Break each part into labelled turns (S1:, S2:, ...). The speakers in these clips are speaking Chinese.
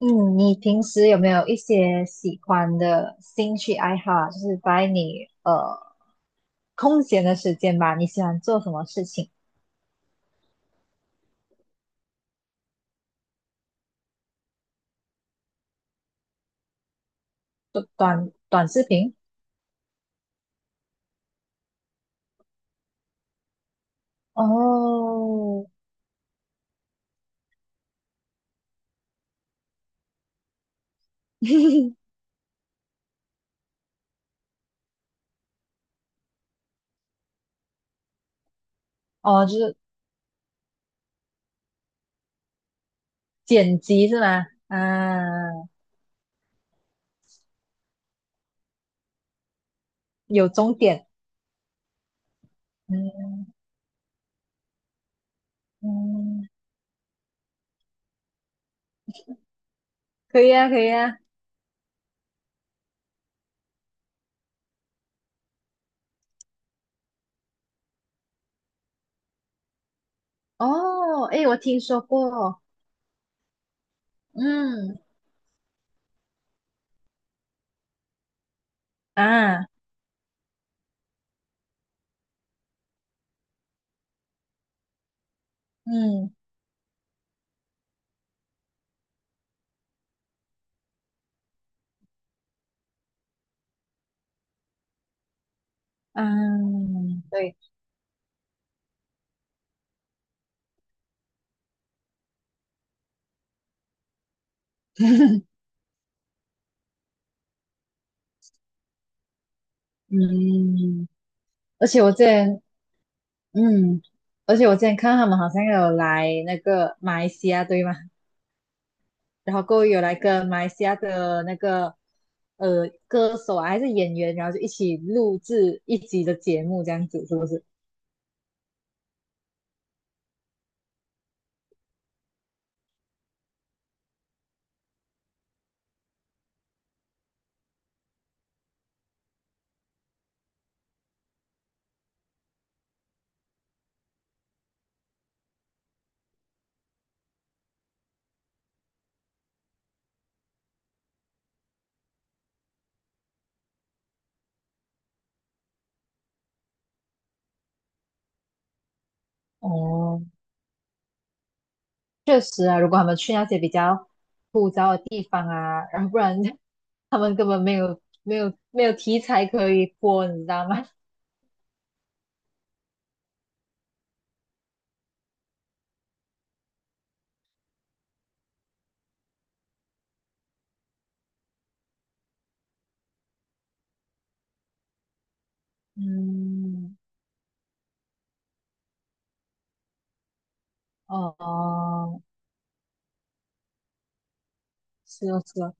S1: 嗯，你平时有没有一些喜欢的兴趣爱好啊就是在你空闲的时间吧，你喜欢做什么事情？短视频？哦，哦，就是剪辑是吗？啊，有终点。嗯嗯，可以啊，可以啊。哦，诶，我听说过。嗯啊，嗯嗯，对，嗯。而且我这。前嗯，而且我之前看到他们好像有来那个马来西亚，对吗？然后各位有来跟马来西亚的那个歌手啊，还是演员，然后就一起录制一集的节目，这样子是不是？哦，确实啊，如果他们去那些比较枯燥的地方啊，然后不然 他们根本没有题材可以播，你知道吗？嗯，哦，是哦是哦，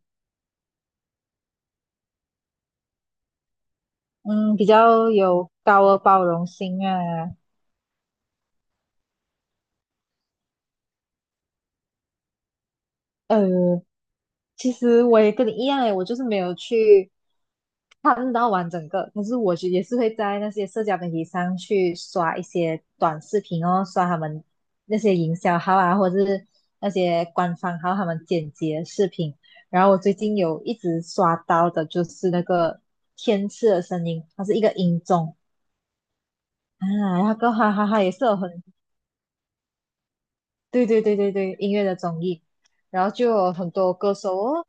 S1: 嗯，比较有高的包容心啊。呃，其实我也跟你一样诶，我就是没有去看到完整个，可是我就也是会在那些社交媒体上去刷一些短视频哦，刷他们那些营销号啊，或者是那些官方号他们剪辑的视频。然后我最近有一直刷到的就是那个天赐的声音，它是一个音综啊，那个哈哈哈也是有很对对对对对音乐的综艺。然后就有很多歌手哦，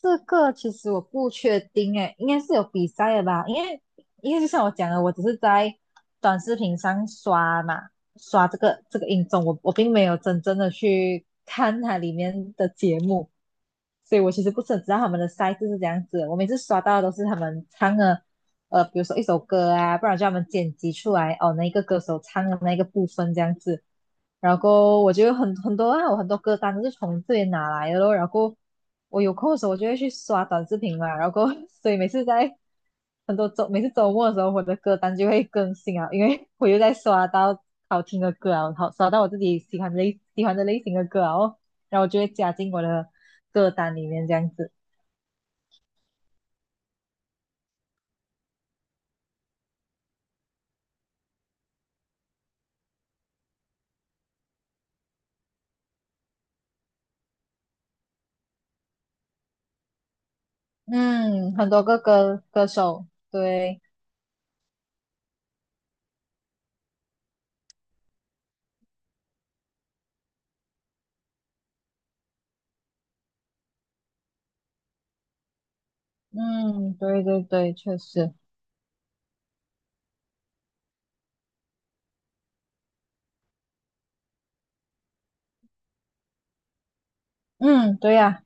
S1: 这个其实我不确定诶，应该是有比赛的吧？因为就像我讲的，我只是在短视频上刷嘛，刷这个音综，我并没有真正的去看它里面的节目，所以我其实不是很知道他们的赛制是怎样子的我每次刷到的都是他们唱的，呃，比如说一首歌啊，不然就他们剪辑出来哦，那一个歌手唱的那个部分这样子。然后我就有很多啊，我很多歌单都是从这里拿来的咯。然后我有空的时候，我就会去刷短视频嘛。然后 所以每次在很多周每次周末的时候，我的歌单就会更新啊，因为 我又在刷到好听的歌啊，好刷到我自己喜欢的类型的歌啊哦，然后我就会加进我的歌单里面这样子。嗯，很多个歌手，对，嗯，对对对，确实，嗯，对呀、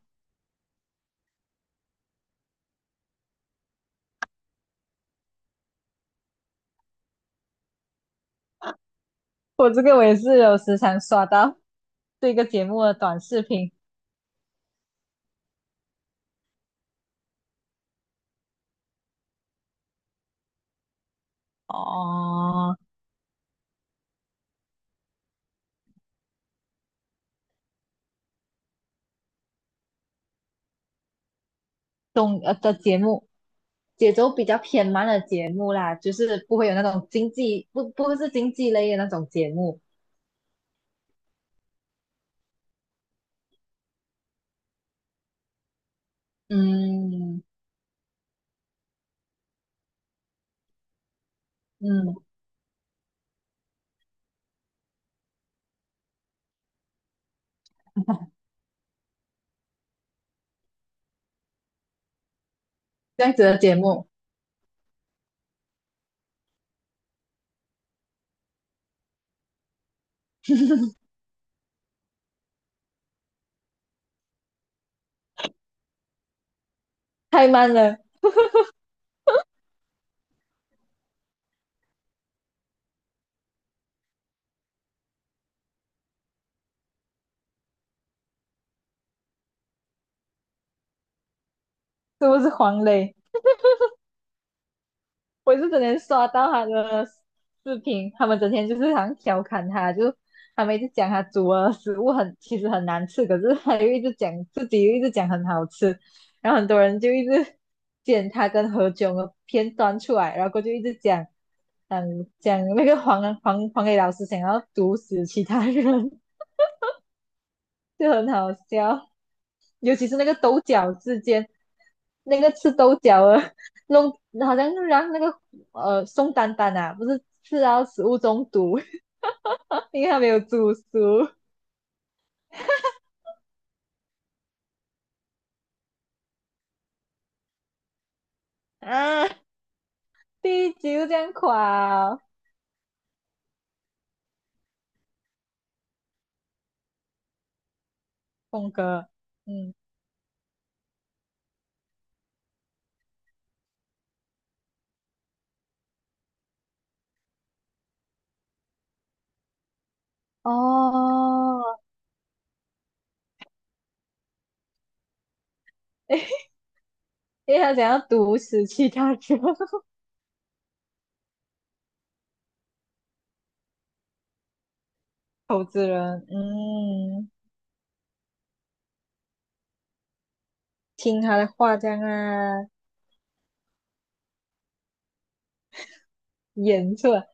S1: 我这个我也是有时常刷到。这个节目的短视频哦，动呃的节目，节奏比较偏慢的节目啦，就是不会有那种经济不不会是经济类的那种节目，嗯嗯，这样子的节目太慢了，是不是黄磊？我也是整天刷到他的视频，他们整天就是好像调侃他，就他们一直讲他煮的食物很其实很难吃，可是他又一直讲自己又一直讲很好吃，然后很多人就一直剪他跟何炅的片段出来，然后过就一直讲，嗯，讲那个黄 黄黄磊老师想要毒死其他人，就很好笑，尤其是那个抖角事件。那个吃豆角啊，弄好像就让那个宋丹丹啊，不是吃到食物中毒，因为他没有煮熟啊，第一集就这样垮、哦，峰哥，嗯，哦，因为他想要毒死其他人，投资人，嗯，听他的话这样啊，演出来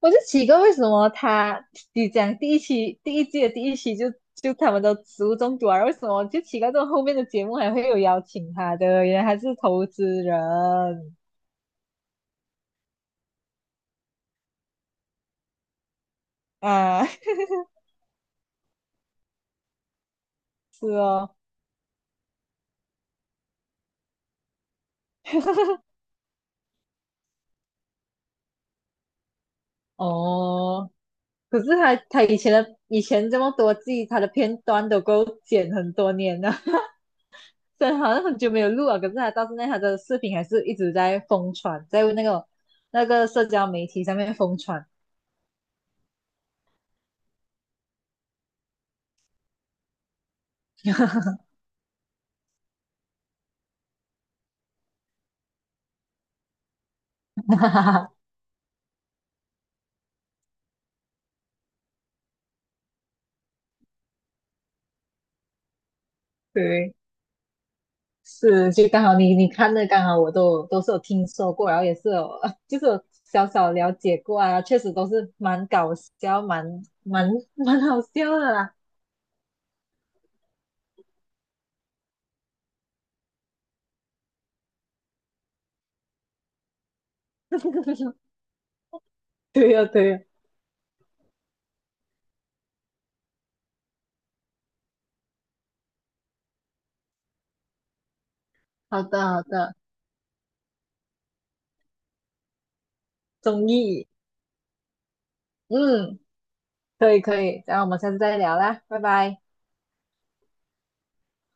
S1: 我就奇怪为什么他你讲第一期第一季的第一期就他们都食物中毒啊，为什么就奇怪这种后面的节目还会有邀请他的？原来还是投资人啊，是哦，哦，可是他以前的以前这么多季，他的片段都够剪很多年了，虽然好像很久没有录了，可是他到现在他的视频还是一直在疯传，在那个社交媒体上面疯传，对。是，就刚好你看的，刚好我都是有听说过，然后也是有 就是有小小了解过啊，确实都是蛮搞笑，蛮蛮好笑的啦。对呀、对呀、好的好的，综艺，嗯，可以可以，然后我们下次再聊啦，拜拜。